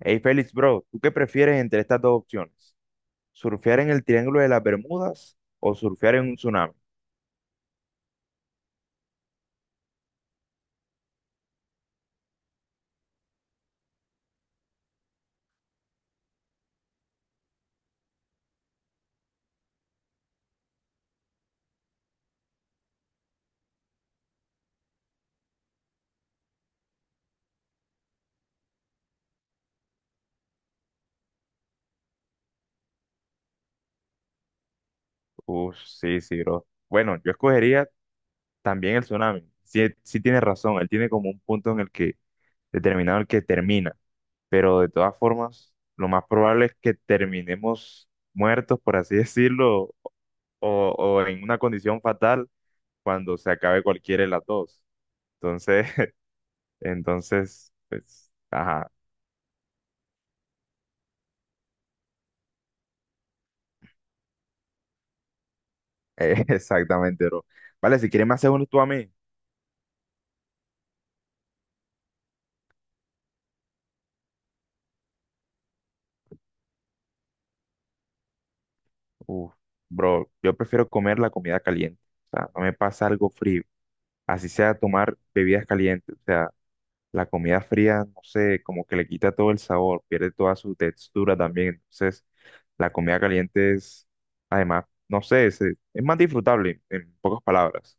Hey Félix, bro, ¿tú qué prefieres entre estas dos opciones? ¿Surfear en el Triángulo de las Bermudas o surfear en un tsunami? Uf, sí, sí, bro. Bueno, yo escogería también el tsunami. Sí, sí tienes razón, él tiene como un punto en el que determinado el que termina, pero de todas formas, lo más probable es que terminemos muertos, por así decirlo, o en una condición fatal cuando se acabe cualquiera de las dos. Entonces, entonces, pues, ajá. Exactamente, bro. Vale, si quieres me haces uno tú a mí. Uf, bro, yo prefiero comer la comida caliente. O sea, no me pasa algo frío. Así sea tomar bebidas calientes. O sea, la comida fría, no sé, como que le quita todo el sabor, pierde toda su textura también. Entonces, la comida caliente es, además, no sé, es más disfrutable, en pocas palabras.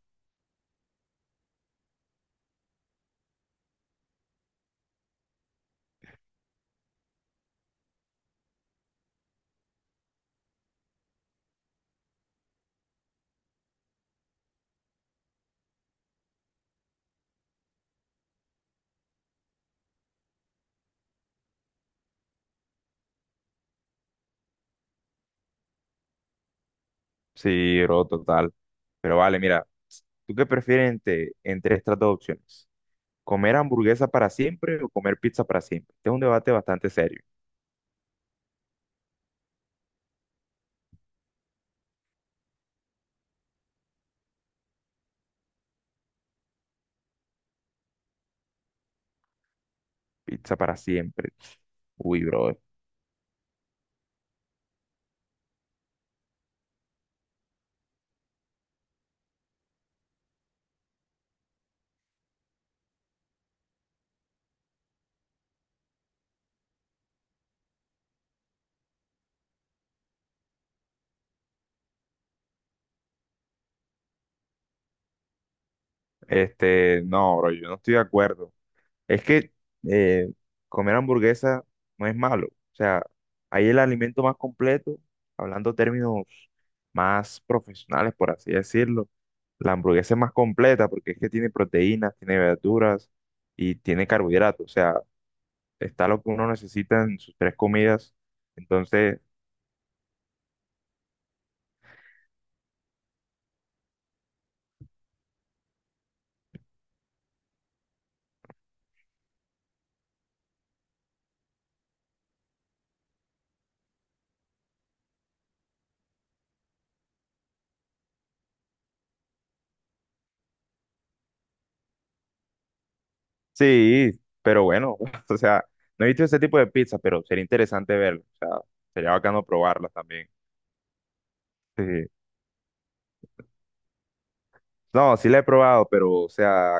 Sí, bro, total. Pero vale, mira, ¿tú qué prefieres entre estas dos opciones? ¿Comer hamburguesa para siempre o comer pizza para siempre? Este es un debate bastante serio. Pizza para siempre. Uy, bro. Este, no, bro, yo no estoy de acuerdo. Es que eh, comer hamburguesa no es malo. O sea, hay el alimento más completo, hablando términos más profesionales, por así decirlo. La hamburguesa es más completa porque es que tiene proteínas, tiene verduras y tiene carbohidratos. O sea, está lo que uno necesita en sus tres comidas. Entonces, sí, pero bueno, o sea, no he visto ese tipo de pizza, pero sería interesante verlo, o sea, sería bacano probarlas también. Sí. No, sí la he probado, pero, o sea,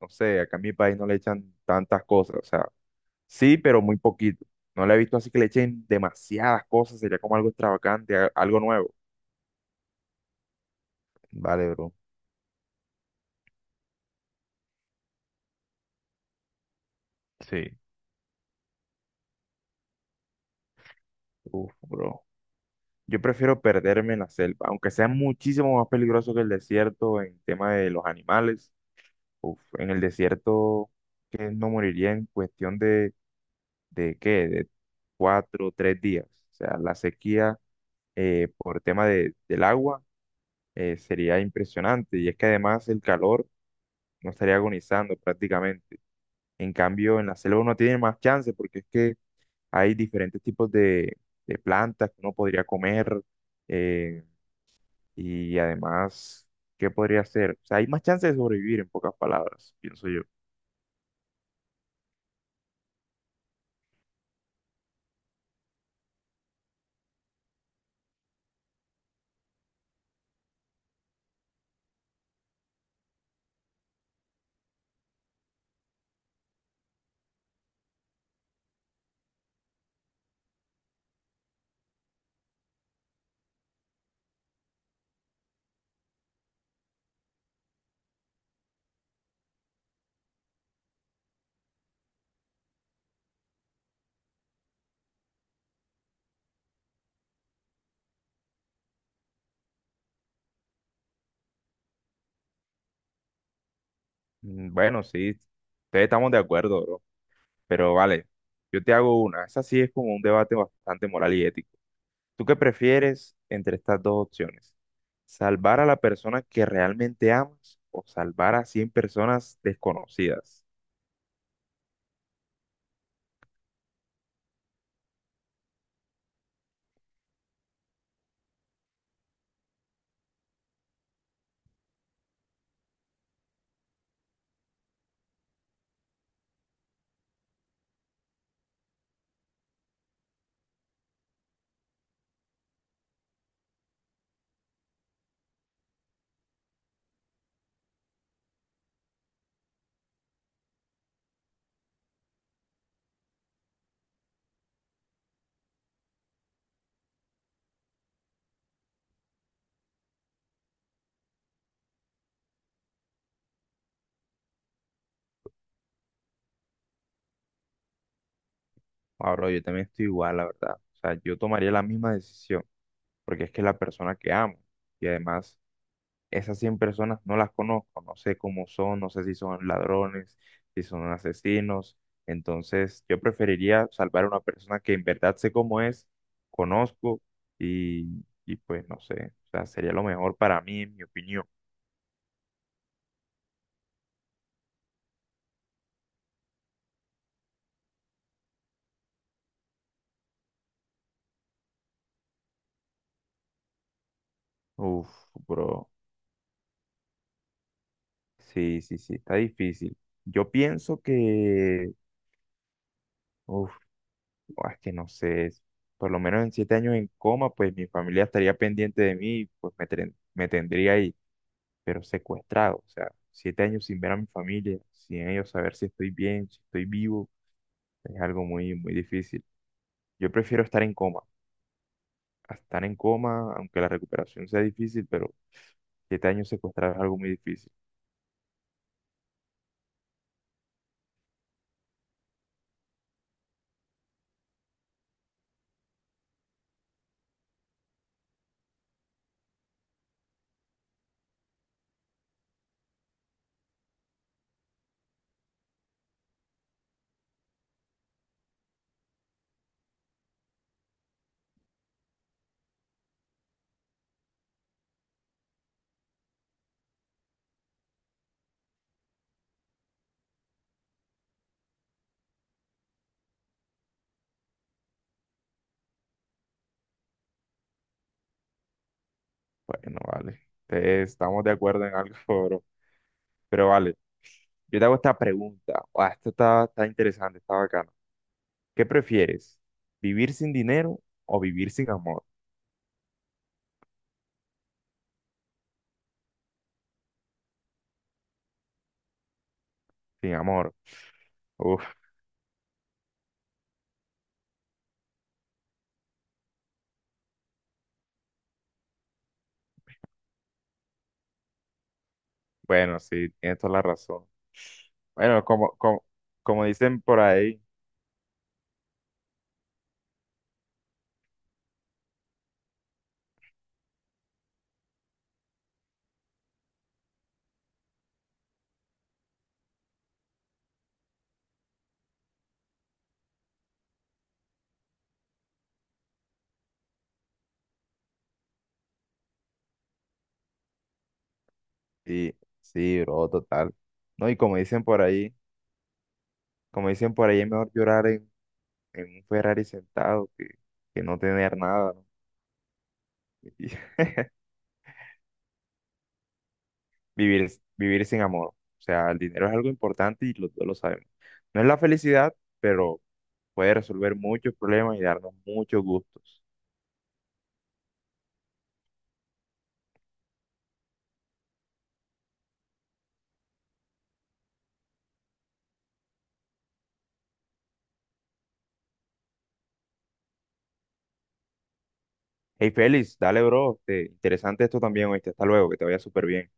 no sé, acá en mi país no le echan tantas cosas, o sea, sí, pero muy poquito. No la he visto así que le echen demasiadas cosas, sería como algo extravagante, algo nuevo. Vale, bro. Sí. Uf, bro. Yo prefiero perderme en la selva, aunque sea muchísimo más peligroso que el desierto en tema de los animales. Uf, en el desierto, que no moriría en cuestión de qué, de cuatro o tres días. O sea, la sequía por tema de, del agua sería impresionante. Y es que además el calor no estaría agonizando prácticamente. En cambio, en la selva uno tiene más chance porque es que hay diferentes tipos de plantas que uno podría comer. eh, y además, ¿qué podría hacer? O sea, hay más chance de sobrevivir, en pocas palabras, pienso yo. Mm, bueno, sí, ustedes estamos de acuerdo, bro. Pero vale, yo te hago una. Esa sí es como un debate bastante moral y ético. ¿Tú qué prefieres entre estas dos opciones? ¿Salvar a la persona que realmente amas o salvar a 100 personas desconocidas? Ah, bro, yo también estoy igual, la verdad. O sea, yo tomaría la misma decisión porque es que es la persona que amo y además esas 100 personas no las conozco, no sé cómo son, no sé si son ladrones, si son asesinos. Entonces, yo preferiría salvar a una persona que en verdad sé cómo es, conozco y pues no sé, o sea, sería lo mejor para mí, en mi opinión. Uf, bro. Sí, sí, sí, está difícil. Yo pienso que, uf, es que no sé, por lo menos en 7 años en coma, pues mi familia estaría pendiente de mí, pues me, me tendría ahí. Pero secuestrado, o sea, 7 años sin ver a mi familia, sin ellos saber si estoy bien, si estoy vivo, es algo muy, muy difícil. Yo prefiero estar en coma, a estar en coma, aunque la recuperación sea difícil, pero 7 años secuestrado es algo muy difícil. Bueno, vale, entonces, estamos de acuerdo en algo, bro. Pero vale, yo te hago esta pregunta, ah, esto está, está interesante, está bacano. ¿Qué prefieres? ¿Vivir sin dinero o vivir sin amor? Sin amor. Bueno, sí, tienes toda la razón. Bueno, como dicen por ahí, y sí, bro, total. No, y como dicen por ahí, como dicen por ahí, es mejor llorar en un Ferrari sentado que no tener nada, ¿no? Y vivir, vivir sin amor. O sea, el dinero es algo importante y los dos lo sabemos. No es la felicidad, pero puede resolver muchos problemas y darnos muchos gustos. Hey, Félix, dale, bro. Este, interesante esto también, oíste. Hasta luego, que te vaya súper bien.